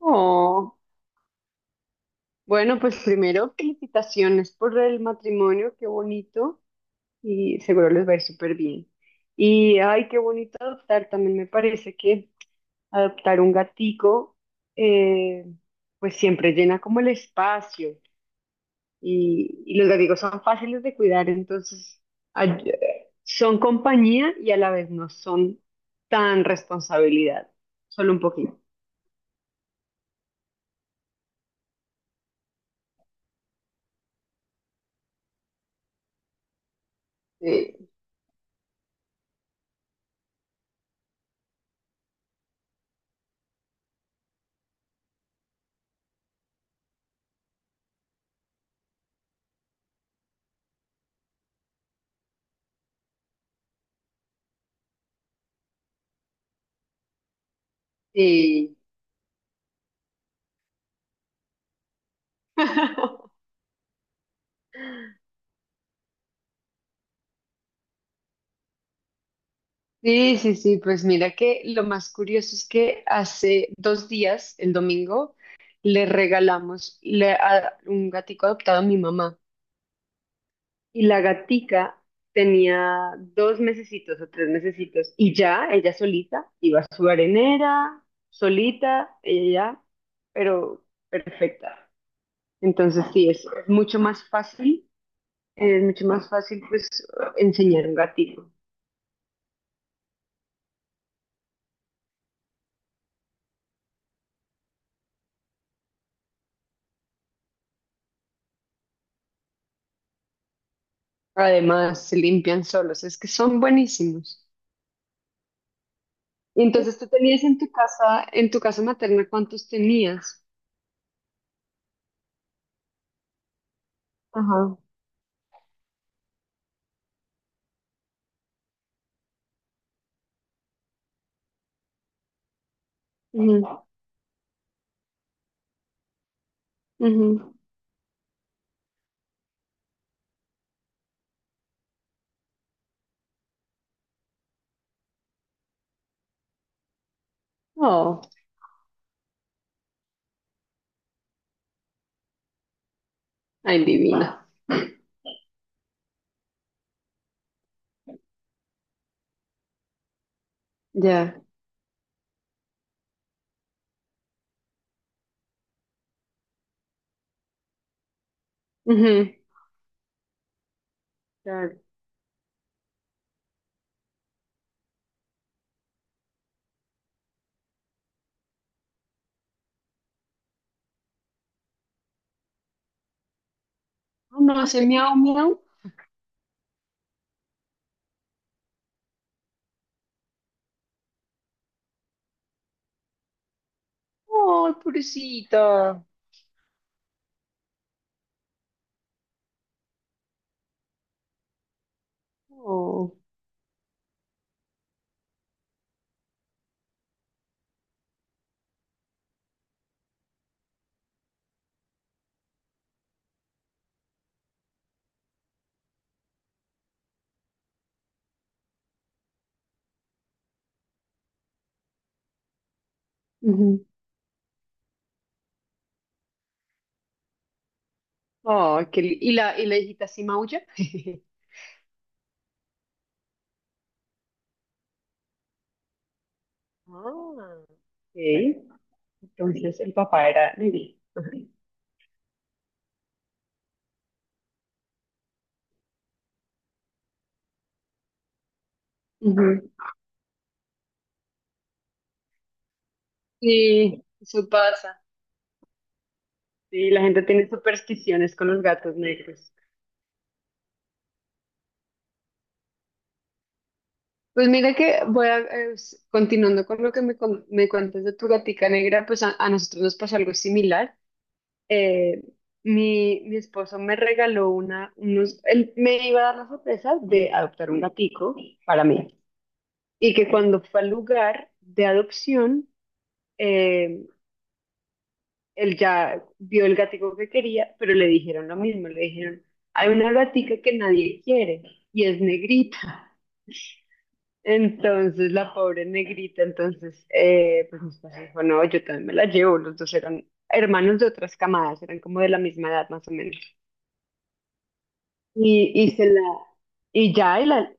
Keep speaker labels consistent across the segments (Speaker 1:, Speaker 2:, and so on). Speaker 1: Oh, bueno, pues primero, felicitaciones por el matrimonio, qué bonito, y seguro les va a ir súper bien. Y ay, qué bonito adoptar, también me parece que adoptar un gatico, eh, pues siempre llena como el espacio, y los gaticos son fáciles de cuidar, entonces son compañía y a la vez no son tan responsabilidad, solo un poquito. Sí, sí. Sí, sí, sí, pues mira que lo más curioso es que hace 2 días, el domingo, le regalamos a un gatico adoptado a mi mamá y la gatica tenía 2 mesecitos o 3 mesecitos y ya ella solita iba a su arenera, solita, ella ya, pero perfecta. Entonces sí, es mucho más fácil, es mucho más fácil pues enseñar a un gatico. Además, se limpian solos, es que son buenísimos. Y entonces tú tenías en tu casa materna, ¿cuántos tenías? Ajá. Ujú, ujú. Oh, ay, divina. Ya. Ujú, claro. Oh, no, hace miau, miau. Oh, pobrecita. Oh, ujú. Oh, ¿Y la hijita sí maulla? Ah, okay. Entonces el papá era negro. Ajá. Ujú. Sí, eso pasa. Sí, la gente tiene supersticiones con los gatos negros. Pues mira que continuando con lo que me cuentas de tu gatica negra, pues a nosotros nos pasó algo similar. Eh, mi esposo me regaló él me iba a dar la sorpresa de adoptar un gatico para mí. Y que cuando fue al lugar de adopción, eh, él ya vio el gatico que quería, pero le dijeron lo mismo, le dijeron, hay una gatica que nadie quiere y es negrita. Entonces la pobre negrita, entonces, pues mis papás dijo, no, yo también me la llevo, los dos eran hermanos de otras camadas, eran como de la misma edad más o menos. Y se la, y ya, y, la-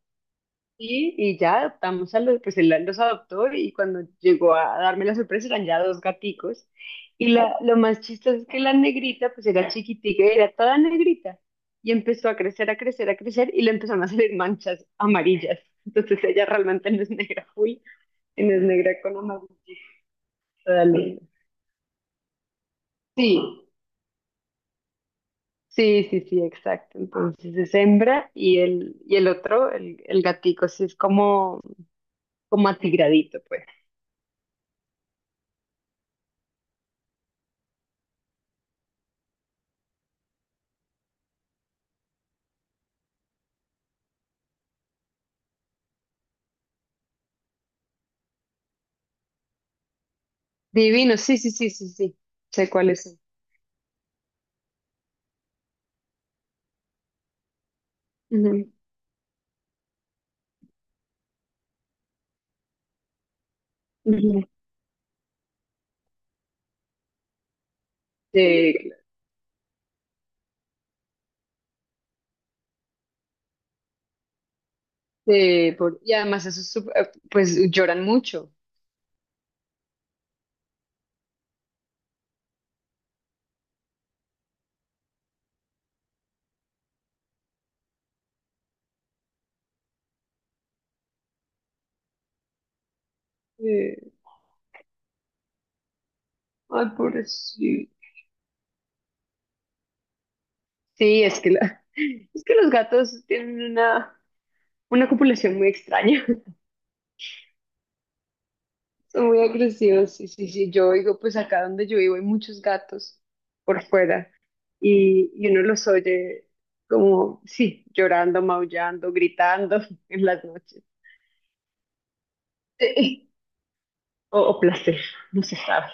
Speaker 1: Y ya adoptamos pues él los adoptó y cuando llegó a darme la sorpresa eran ya dos gaticos. Y lo más chistoso es que la negrita, pues era chiquitica, era toda negrita. Y empezó a crecer, a crecer, a crecer y le empezaron a salir manchas amarillas. Entonces ella realmente no es negra full Inés Negra con una gustada luna. Sí, sí, sí, sí, exacto. Entonces es hembra y el otro, el gatico, sí es como atigradito, pues. Divino, sí, sí, sí, sí, sí. Sé cuáles son. Ujú, ujú. Sí, claro. Sí, y además eso es pues lloran mucho. Eh, Ay, pobrecito. Sí, es que los gatos tienen una copulación muy extraña. Son muy agresivos, sí, sí, sí. Yo digo, pues acá donde yo vivo hay muchos gatos por fuera y uno los oye como, sí, llorando, maullando, gritando en las noches. Sí. O placer, no se sabe.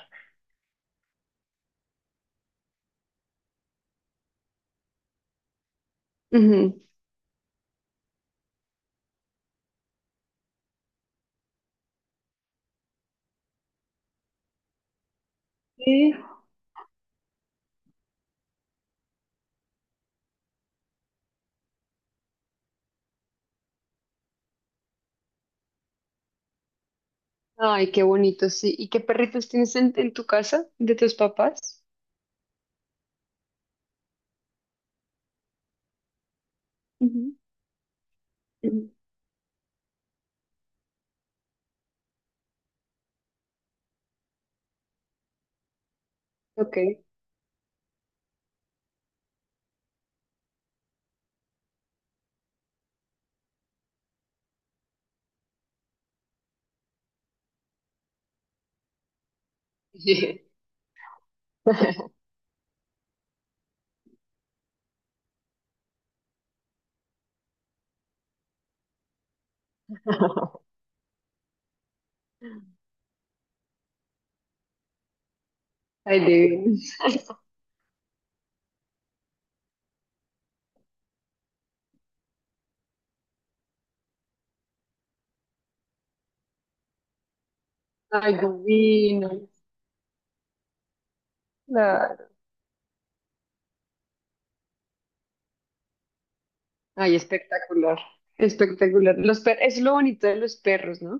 Speaker 1: Ujú. Sí. Ay, qué bonito, sí. ¿Y qué perritos tienes en tu casa de tus papás? Ujú, ujú. Ok. Ay, divino. Ay, divino. Ay, espectacular, espectacular. Los per es lo bonito de los perros, ¿no?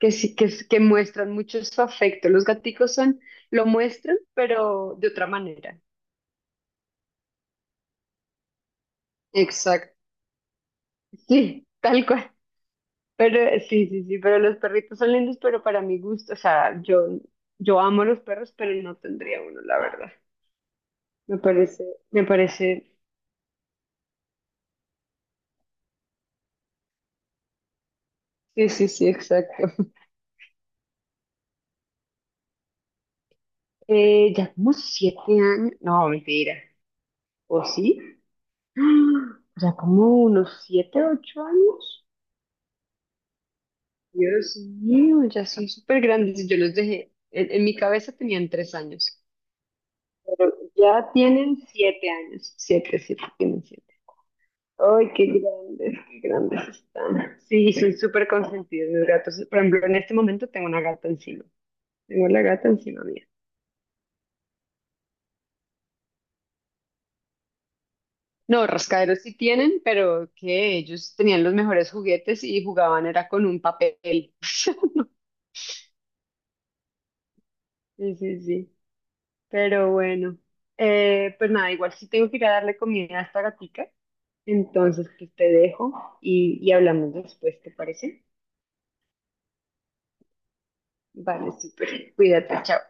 Speaker 1: Que sí, que muestran mucho su afecto. Los gaticos lo muestran, pero de otra manera. Exacto. Sí, tal cual. Pero sí, sí, sí, pero los perritos son lindos, pero para mi gusto, o sea, yo amo los perros, pero no tendría uno, la verdad. Me parece, me parece, sí, sí, sí, exacto. Ya como 7 años, no, mentira, ¿o sí? ¡Ah! O sea, como unos 7, 8 años. Dios mío, ya son súper grandes. Yo los dejé, en mi cabeza tenían 3 años, pero ya tienen 7 años. Siete, siete, tienen siete. Ay, qué grandes están. Sí, son súper consentidos los gatos. Por ejemplo, en este momento tengo una gata encima. Tengo la gata encima mía. No, rascaderos sí tienen, pero que ellos tenían los mejores juguetes y jugaban era con un papel. Sí, sí, sí. Pero bueno, pues nada, igual sí tengo que ir a darle comida a esta gatica. Entonces, pues te dejo y hablamos después, ¿te parece? Vale, súper. Cuídate, chao.